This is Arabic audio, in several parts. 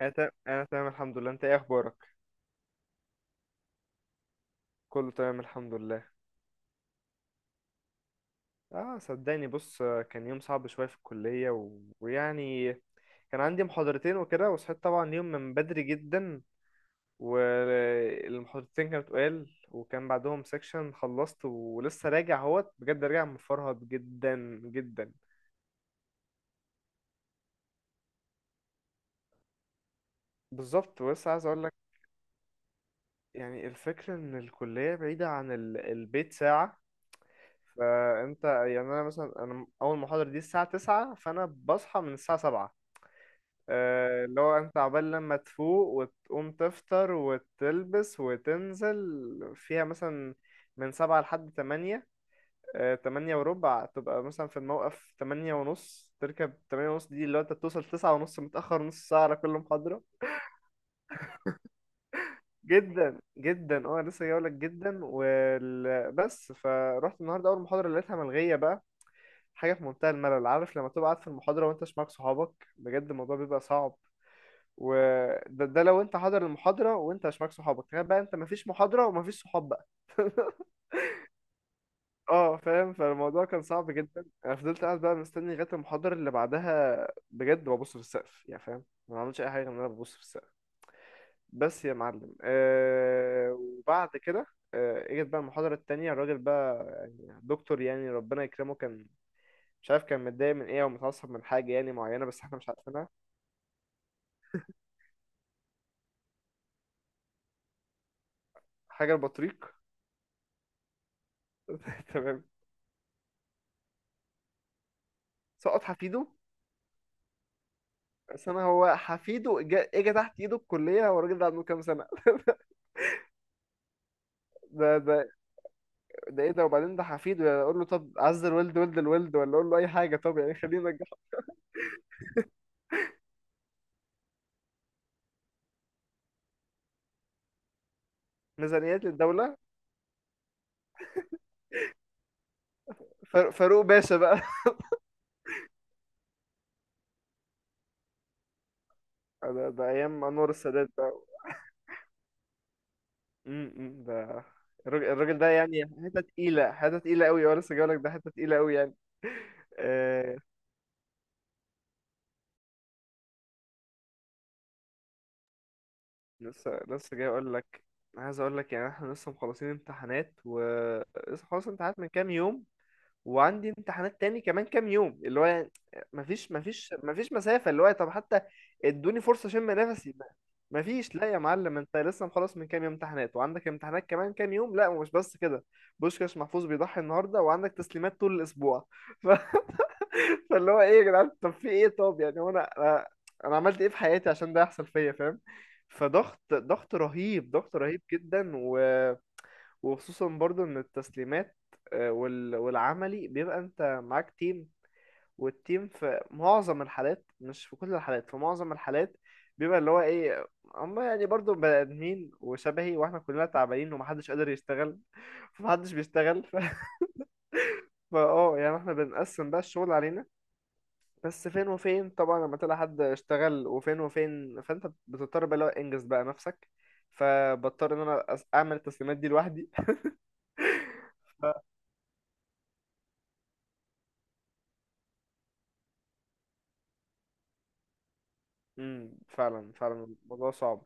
انا تمام، الحمد لله. انت ايه اخبارك؟ كله تمام الحمد لله. اه صدقني بص، كان يوم صعب شويه في الكليه ويعني كان عندي محاضرتين وكده، وصحيت طبعا يوم من بدري جدا. والمحاضرتين كانت قال وكان بعدهم سيكشن، خلصت ولسه راجع اهوت، بجد راجع مفرهد جدا. بالظبط، ولسه عايز اقول لك. يعني الفكره ان الكليه بعيده عن البيت ساعه. فانت يعني، انا مثلا انا اول محاضره دي الساعه 9، فانا بصحى من الساعه 7. اللي هو انت عبال لما تفوق وتقوم تفطر وتلبس وتنزل فيها مثلا من سبعة لحد تمانية. تمانية وربع تبقى مثلا في الموقف، تمانية ونص تركب، تمانية ونص دي اللي هو انت بتوصل تسعة ونص متأخر نص ساعة على كل محاضرة. جدا جدا، اه لسه جايلك. جدا بس، فروحت النهارده اول محاضرة لقيتها ملغية بقى. حاجة في منتهى الملل. عارف لما تبقى قاعد في المحاضرة وانت مش معاك صحابك؟ بجد الموضوع بيبقى صعب. وده لو انت حاضر المحاضرة وانت مش معاك صحابك، تخيل بقى انت مفيش محاضرة ومفيش صحاب بقى. اه فاهم، فالموضوع كان صعب جدا. انا فضلت قاعد بقى مستني لغاية المحاضرة اللي بعدها. بجد ببص في السقف، يعني فاهم، ما بعملش اي حاجة غير ان انا ببص في السقف. بس يا معلم، وبعد كده، آه، اجت بقى المحاضرة التانية. الراجل بقى يعني دكتور يعني ربنا يكرمه، كان مش عارف كان متضايق من ايه او متعصب من حاجة يعني معينة، بس احنا مش عارفينها. حاجة البطريق. تمام. سقط حفيده. بس انا، هو حفيده اجى تحت ايده الكليه، هو الراجل ده عنده كام سنه؟ ده ده ايه ده، وبعدين ده حفيده، يعني اقول له طب عز الولد ولد الولد، ولا اقول له اي حاجه؟ طب يعني خلينا ننجحه. ميزانيات للدوله. فاروق باشا بقى. ده ايام انور السادات بقى. امم، أمم، ده الراجل ده يعني حته تقيله، حته تقيله قوي، وانا لسه جاي لك، ده حته تقيله قوي يعني. آه لسه، لسه جاي اقول لك. عايز اقول لك يعني احنا لسه مخلصين امتحانات، و لسه خلاص امتحانات من كام يوم، وعندي امتحانات تاني كمان كام يوم، اللي هو يعني مفيش مفيش مسافة، اللي هو طب حتى ادوني فرصة اشم نفسي مفيش. لا يا معلم، انت لسه مخلص من كام يوم امتحانات وعندك امتحانات كمان كام يوم، لا مش بس كده، بوشكاش محفوظ بيضحي النهارده وعندك تسليمات طول الاسبوع. ف... فاللي هو ايه يا جدعان، طب في ايه، طب يعني هو انا أنا عملت ايه في حياتي عشان ده يحصل فيا، فاهم؟ فضغط، ضغط رهيب، ضغط رهيب جدا. وخصوصا برضو ان التسليمات، والعملي بيبقى انت معاك تيم، والتيم في معظم الحالات، مش في كل الحالات، في معظم الحالات بيبقى اللي هو ايه، هم يعني برضو بني ادمين وشبهي، واحنا كلنا تعبانين ومحدش قادر يشتغل. فمحدش بيشتغل فا اه، يعني احنا بنقسم بقى الشغل علينا بس فين وفين، طبعا لما تلاقي حد اشتغل وفين وفين، فانت بتضطر بقى اللي هو انجز بقى نفسك. فبضطر ان انا اعمل التسليمات دي لوحدي. امم، فعلا الموضوع صعب.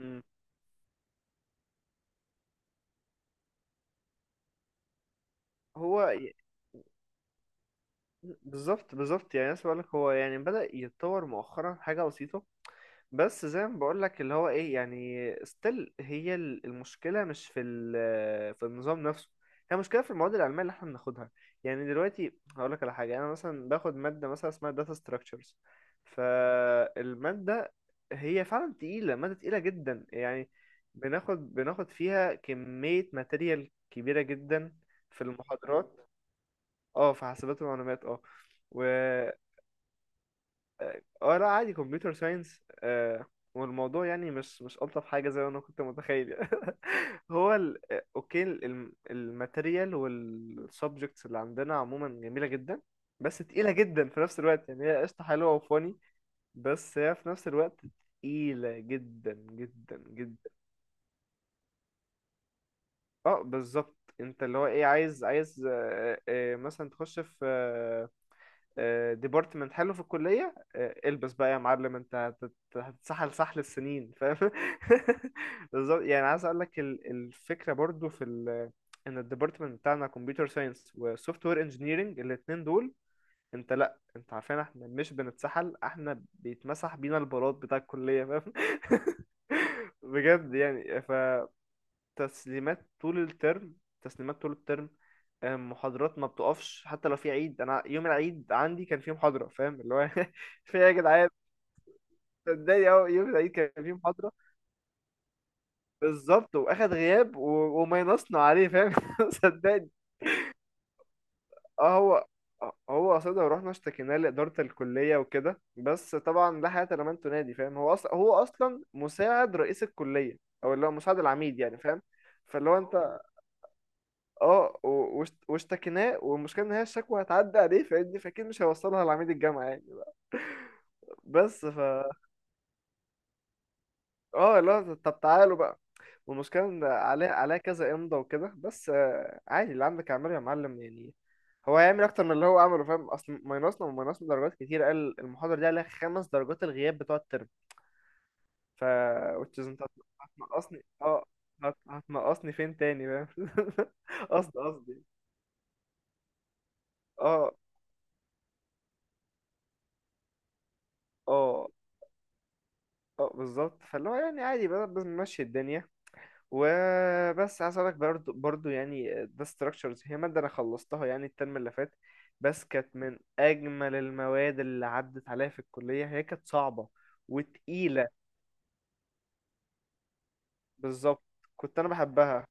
امم. هو ي- بالظبط، بالظبط، يعني أنا لك هو يعني بدأ يتطور مؤخرا حاجة بسيطة، بس زي ما بقولك اللي هو ايه، يعني ستيل هي المشكلة مش في في النظام نفسه، هي المشكلة في المواد العلمية اللي احنا بناخدها. يعني دلوقتي هقولك على حاجة، انا مثلا باخد مادة مثلا اسمها داتا ستراكشرز، فالمادة هي فعلا تقيلة، مادة تقيلة جدا يعني، بناخد فيها كمية ماتيريال كبيرة جدا في المحاضرات. اه في حاسبات ومعلومات، اه. اه، آه، لا عادي، كمبيوتر ساينس. آه، والموضوع يعني مش، مش ألطف حاجة زي ما أنا كنت متخيل. هو آه، أوكي، الماتيريال والسبجكتس اللي عندنا عموما جميلة جدا، بس تقيلة جدا في نفس الوقت، يعني هي قشطة حلوة وفاني، بس هي في نفس الوقت تقيلة جدا جدا جدا. اه بالظبط، انت اللي هو ايه، عايز، عايز، مثلا تخش في ديبارتمنت حلو في الكلية، آه، البس بقى يا معلم، انت هتتسحل سحل السنين، فاهم؟ بالظبط، يعني عايز اقول لك الفكرة برضو في ال، ان الديبارتمنت بتاعنا كمبيوتر ساينس وسوفت وير انجينيرنج، الاتنين دول، انت لا انت عارفين، احنا مش بنتسحل، احنا بيتمسح بينا البلاط بتاع الكلية، فاهم؟ بجد يعني. فتسليمات طول الترم، تسليمات طول الترم، آه، محاضرات ما بتقفش حتى لو في عيد، انا يوم العيد عندي كان فيه محاضره، فاهم اللي هو في إيه يا جدعان؟ صدقني اهو يوم العيد كان فيه محاضره. بالظبط، واخد غياب وماينصنا عليه، فاهم؟ صدقني. اه، هو قصدها، ورحنا اشتكيناه لاداره الكليه وكده، بس طبعا لا حياه لمن تنادي، فاهم؟ هو اصلا، هو اصلا مساعد رئيس الكليه، او اللي هو مساعد العميد يعني، فاهم؟ فاللي هو انت، اه واشتكيناه، والمشكله ان هي الشكوى هتعدي عليه فاهمني، فاكيد مش هيوصلها لعميد الجامعه يعني بقى. بس ف، اه لا طب تعالوا بقى. والمشكله ان عليه، عليه كذا امضى وكده، بس آه عادي، اللي عندك اعمله يا معلم يعني. هو هيعمل اكتر من اللي هو عمله، فاهم؟ اصل ماينصنا وماينصنا درجات كتير، قال المحاضره دي عليها خمس درجات، الغياب بتوع الترم. ف which is انت هتنقصني، اه، هتنقصني فين تاني، فاهم؟ قصدي، قصدي. اه، اه، اه بالظبط، فاللي هو يعني عادي بقى بنمشي الدنيا. وبس عايز اقولك، برضو يعني ده structures، هي مادة انا خلصتها يعني الترم اللي فات، بس كانت من اجمل المواد اللي عدت عليا في الكلية. هي كانت صعبة وتقيلة. بالظبط. كنت انا بحبها.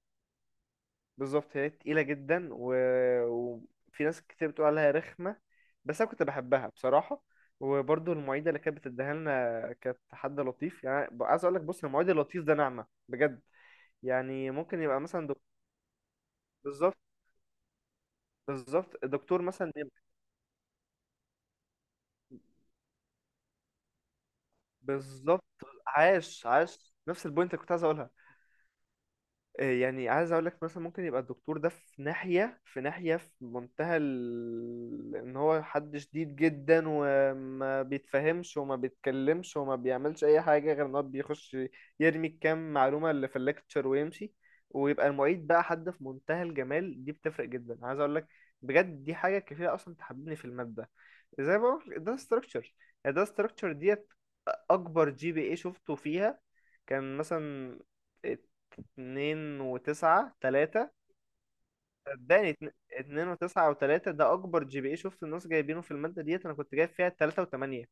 بالظبط، هي تقيلة جدا وفي ناس كتير بتقول عليها رخمة، بس انا كنت بحبها بصراحة. وبرضو المعيدة اللي كانت بتديها لنا كانت حد لطيف، يعني عايز اقولك بص، المعيد اللطيف ده نعمة بجد. يعني ممكن يبقى مثلا بالظبط، بالظبط. الدكتور مثلا، بالظبط. عاش، عاش نفس البوينت اللي كنت عايز اقولها. إيه، يعني عايز اقول لك مثلا ممكن يبقى الدكتور ده في ناحية، في ناحية في منتهى ان هو حد شديد جدا وما بيتفهمش وما بيتكلمش وما بيعملش اي حاجة غير ان هو بيخش يرمي الكام معلومة اللي في الليكتشر ويمشي، ويبقى المعيد بقى حد في منتهى الجمال، دي بتفرق جدا عايز اقول لك. بجد دي حاجة كفيلة اصلا تحببني في المادة. زي ما بقول ده ستراكشر، ده ستراكشر ديت. اكبر جي بي اي شفته فيها كان مثلا اتنين وتسعة تلاتة. صدقني، اتنين وتسعة وتلاتة ده أكبر جي بي إيه شفت الناس جايبينه في المادة ديت. أنا كنت جايب فيها تلاتة وتمانية،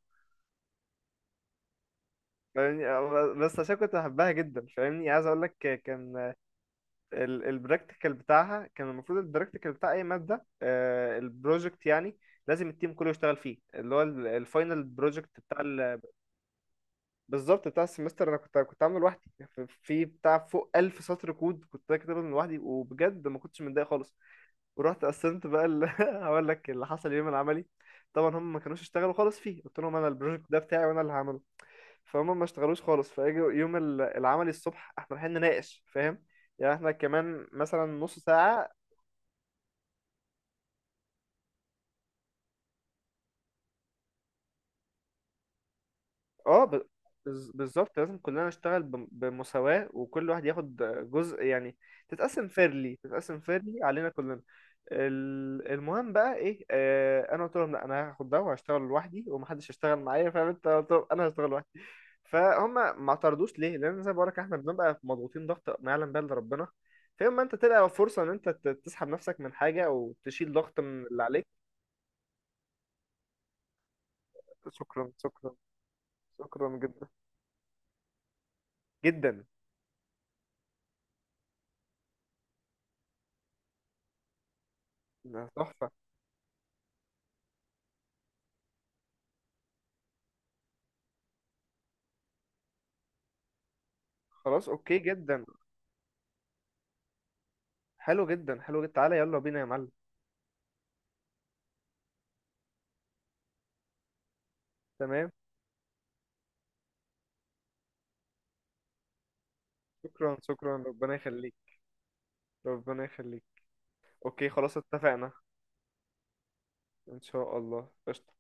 فاهمني؟ أه، بس عشان كنت بحبها جدا فاهمني، عايز أقول لك. كان البراكتيكال بتاعها كان، المفروض البراكتيكال بتاع أي مادة، آه، البروجكت يعني، لازم التيم كله يشتغل فيه، اللي هو الفاينل بروجكت بتاع، بالظبط، بتاع السمستر. انا كنت عامله لوحدي، في في بتاع فوق 1000 سطر كود كنت كاتبه من لوحدي، وبجد ما كنتش متضايق خالص. ورحت قسمت بقى هقول لك اللي حصل يوم العملي. طبعا هم ما كانوش اشتغلوا خالص فيه، قلت لهم انا البروجكت ده بتاعي وانا اللي هعمله. فهم ما اشتغلوش خالص، فاجوا يوم العملي الصبح احنا رايحين نناقش، فاهم؟ يعني احنا كمان مثلا نص ساعة. اه، بالظبط، لازم كلنا نشتغل بمساواة، وكل واحد ياخد جزء يعني، تتقسم فيرلي، تتقسم فيرلي علينا كلنا. المهم بقى ايه، آه انا قلت لهم لا انا هاخد ده وهشتغل لوحدي ومحدش هيشتغل معايا، فاهم انت؟ قلت لهم انا هشتغل لوحدي. فهم ما اعترضوش، ليه؟ لان زي ما بقولك احنا بنبقى مضغوطين ضغط ما يعلم به الا ربنا. فيوم ما انت تلقى فرصة ان انت تسحب نفسك من حاجة، او تشيل ضغط من اللي عليك. شكرا، شكرا، شكرا جدا. جدا، ده تحفة. خلاص اوكي، جدا حلو، جدا حلو جدا. تعالى يلا بينا يا معلم. تمام، شكرا، شكرا، ربنا يخليك، ربنا يخليك. اوكي خلاص، اتفقنا. ان شاء الله، قشطة.